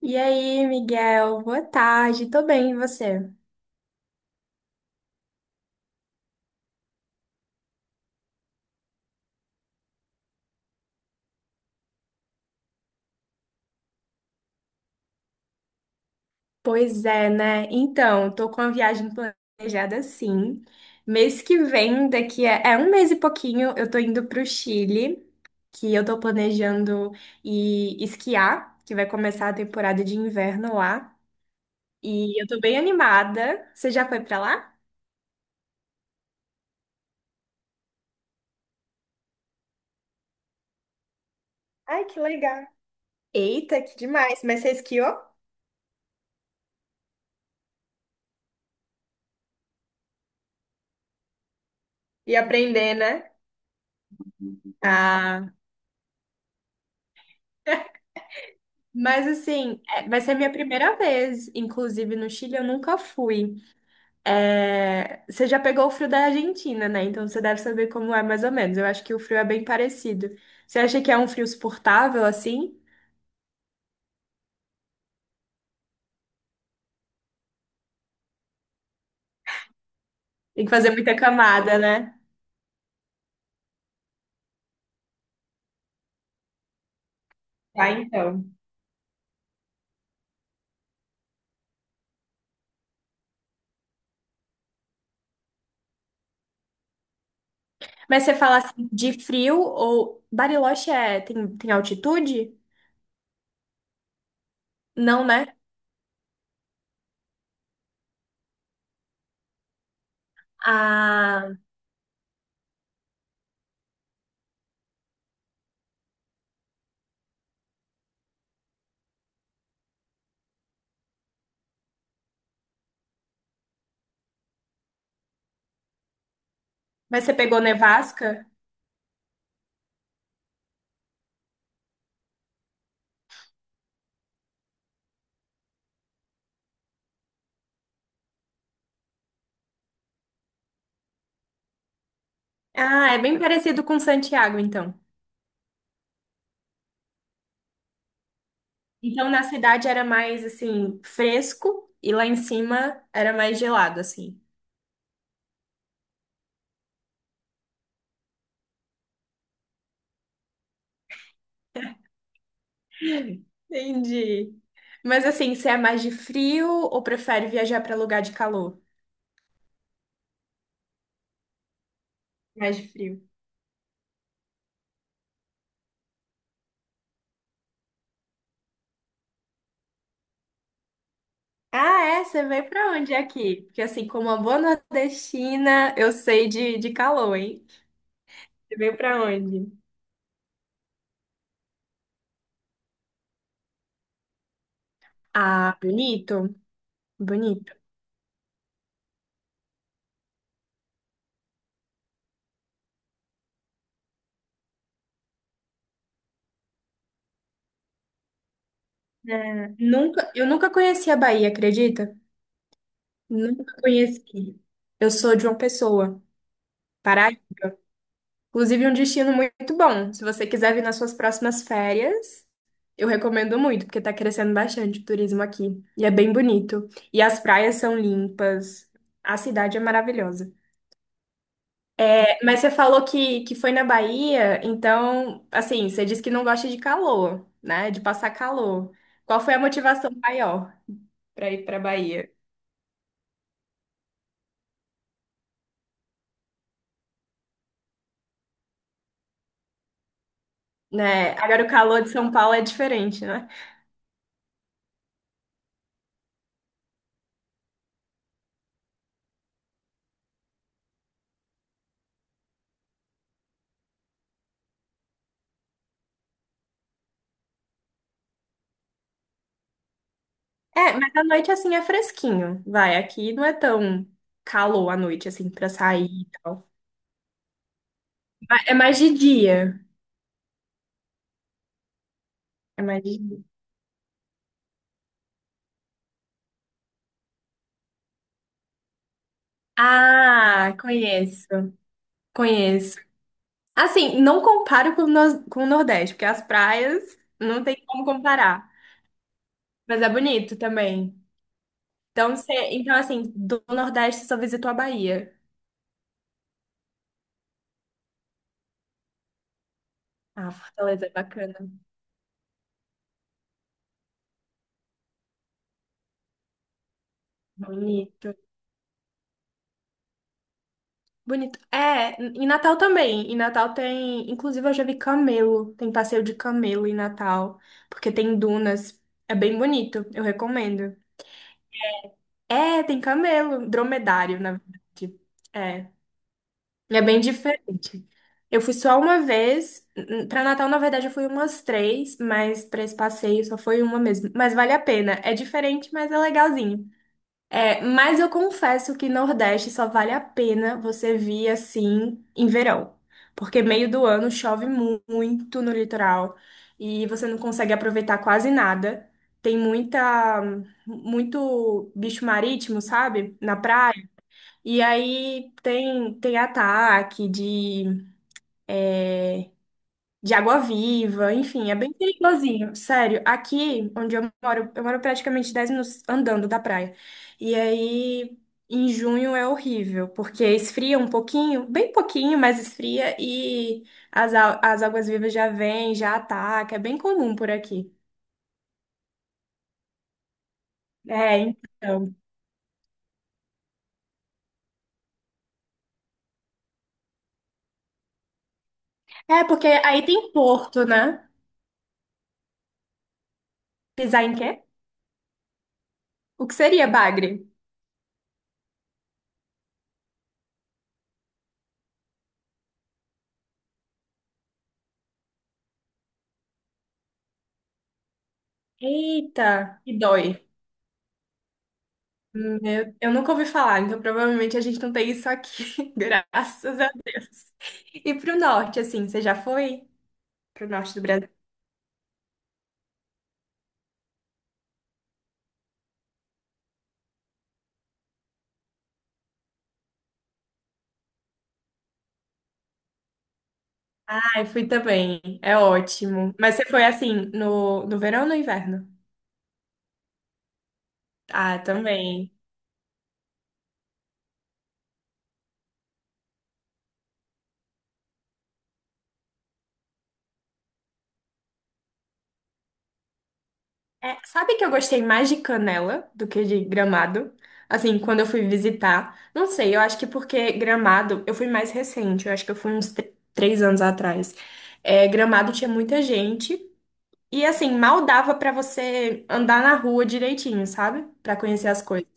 E aí, Miguel? Boa tarde, tô bem, e você? Pois é, né? Então, tô com a viagem planejada sim. Mês que vem, daqui a um mês e pouquinho, eu tô indo pro Chile, que eu tô planejando ir esquiar, que vai começar a temporada de inverno lá. E eu tô bem animada. Você já foi pra lá? Ai, que legal. Eita, que demais. Mas você esquiou? E aprender, né? Ah, mas assim, vai ser a minha primeira vez, inclusive no Chile eu nunca fui. É, você já pegou o frio da Argentina, né? Então você deve saber como é mais ou menos. Eu acho que o frio é bem parecido. Você acha que é um frio suportável assim? Tem que fazer muita camada, né? Tá, então. Mas você fala assim de frio ou Bariloche tem altitude? Não, né? Ah, mas você pegou nevasca? Ah, é bem parecido com Santiago, então. Então, na cidade era mais, assim, fresco e lá em cima era mais gelado, assim. Entendi. Mas, assim, você é mais de frio ou prefere viajar para lugar de calor? Mais de frio. Ah, é? Você veio para onde aqui? Porque, assim, como uma boa nordestina, eu sei de calor, hein? Você veio para onde? Ah, bonito. Bonito. É. Nunca, eu nunca conheci a Bahia, acredita? Nunca conheci. Eu sou de uma pessoa. Pará. Inclusive, um destino muito bom. Se você quiser vir nas suas próximas férias, eu recomendo muito, porque tá crescendo bastante o turismo aqui. E é bem bonito. E as praias são limpas. A cidade é maravilhosa. É, mas você falou que foi na Bahia, então, assim, você disse que não gosta de calor, né? De passar calor. Qual foi a motivação maior para ir para Bahia? Né? Agora, o calor de São Paulo é diferente, né? É, mas à noite assim é fresquinho. Vai, aqui não é tão calor à noite assim pra sair e tal. É mais de dia. É mais de dia. Ah, conheço. Conheço. Assim, não comparo com o com o Nordeste, porque as praias não tem como comparar. Mas é bonito também. Então, você, então assim, do Nordeste você só visitou a Bahia. Ah, Fortaleza é bacana. Bonito. Bonito. É, em Natal também. Em Natal tem. Inclusive, eu já vi camelo. Tem passeio de camelo em Natal. Porque tem dunas. É bem bonito. Eu recomendo. É, tem camelo. Dromedário, na verdade. É. É bem diferente. Eu fui só uma vez. Para Natal, na verdade, eu fui umas três. Mas para esse passeio só foi uma mesmo. Mas vale a pena. É diferente, mas é legalzinho. É, mas eu confesso que Nordeste só vale a pena você vir assim em verão, porque meio do ano chove muito no litoral e você não consegue aproveitar quase nada. Tem muita, muito bicho marítimo, sabe? Na praia. E aí tem, ataque de água-viva, enfim, é bem perigosinho, sério. Aqui onde eu moro praticamente 10 minutos andando da praia. E aí, em junho é horrível, porque esfria um pouquinho, bem pouquinho, mas esfria e as águas-vivas já vêm, já ataca, é bem comum por aqui. É, então. É, porque aí tem porto, né? Pisar em quê? O que seria bagre? Eita, que dói. Eu nunca ouvi falar, então provavelmente a gente não tem isso aqui, graças a Deus. E pro norte, assim, você já foi? Pro norte do Brasil? Ai, fui também, é ótimo. Mas você foi, assim, no, no verão ou no inverno? Ah, também. É, sabe que eu gostei mais de Canela do que de Gramado? Assim, quando eu fui visitar. Não sei, eu acho que porque Gramado, eu fui mais recente, eu acho que eu fui uns 3 anos atrás. É, Gramado tinha muita gente. E assim, mal dava pra você andar na rua direitinho, sabe? Pra conhecer as coisas.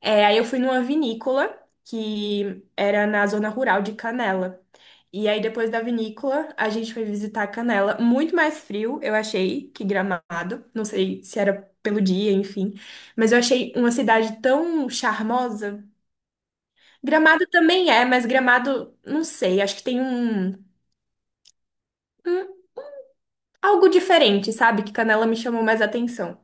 É, aí eu fui numa vinícola que era na zona rural de Canela. E aí depois da vinícola, a gente foi visitar Canela, muito mais frio, eu achei, que Gramado. Não sei se era pelo dia, enfim, mas eu achei uma cidade tão charmosa. Gramado também é, mas Gramado, não sei, acho que tem um, um algo diferente, sabe? Que Canela me chamou mais atenção.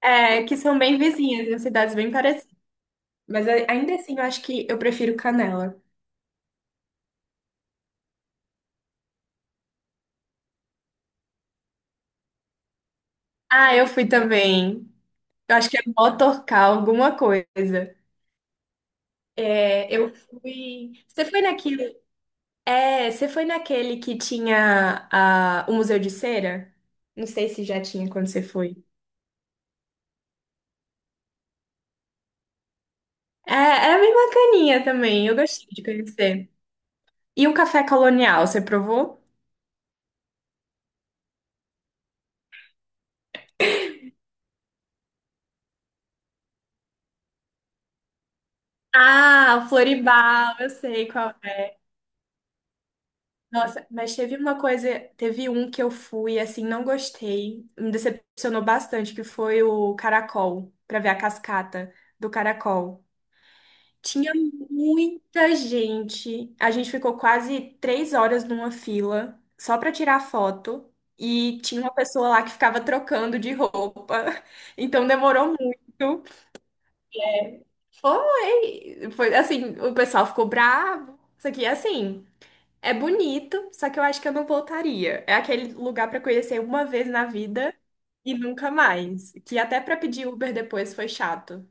É, que são bem vizinhas, em cidades bem parecidas. Mas ainda assim, eu acho que eu prefiro Canela. Ah, eu fui também. Eu acho que é Motorcar, alguma coisa. É, eu fui. Você foi naquele. É, você foi naquele que tinha a o Museu de Cera? Não sei se já tinha quando você foi. É, é bem bacaninha também. Eu gostei de conhecer. E o café colonial, você provou? Ah, o Floribal, eu sei qual. Nossa, mas teve uma coisa, teve um que eu fui, assim, não gostei, me decepcionou bastante, que foi o caracol, pra ver a cascata do caracol. Tinha muita gente, a gente ficou quase 3 horas numa fila, só pra tirar foto, e tinha uma pessoa lá que ficava trocando de roupa, então demorou muito. Foi, foi assim, o pessoal ficou bravo, isso aqui é assim. É bonito, só que eu acho que eu não voltaria. É aquele lugar pra conhecer uma vez na vida e nunca mais. Que até pra pedir Uber depois foi chato.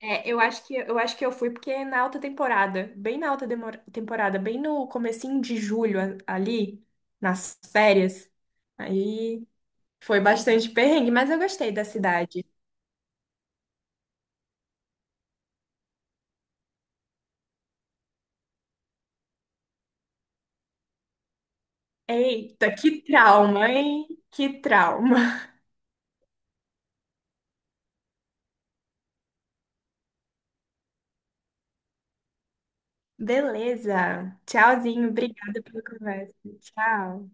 É, eu acho que eu fui porque é na alta temporada, bem na alta temporada, bem no comecinho de julho ali, nas férias, aí foi bastante perrengue, mas eu gostei da cidade. Eita, que trauma, hein? Que trauma. Beleza. Tchauzinho, obrigada pela conversa. Tchau.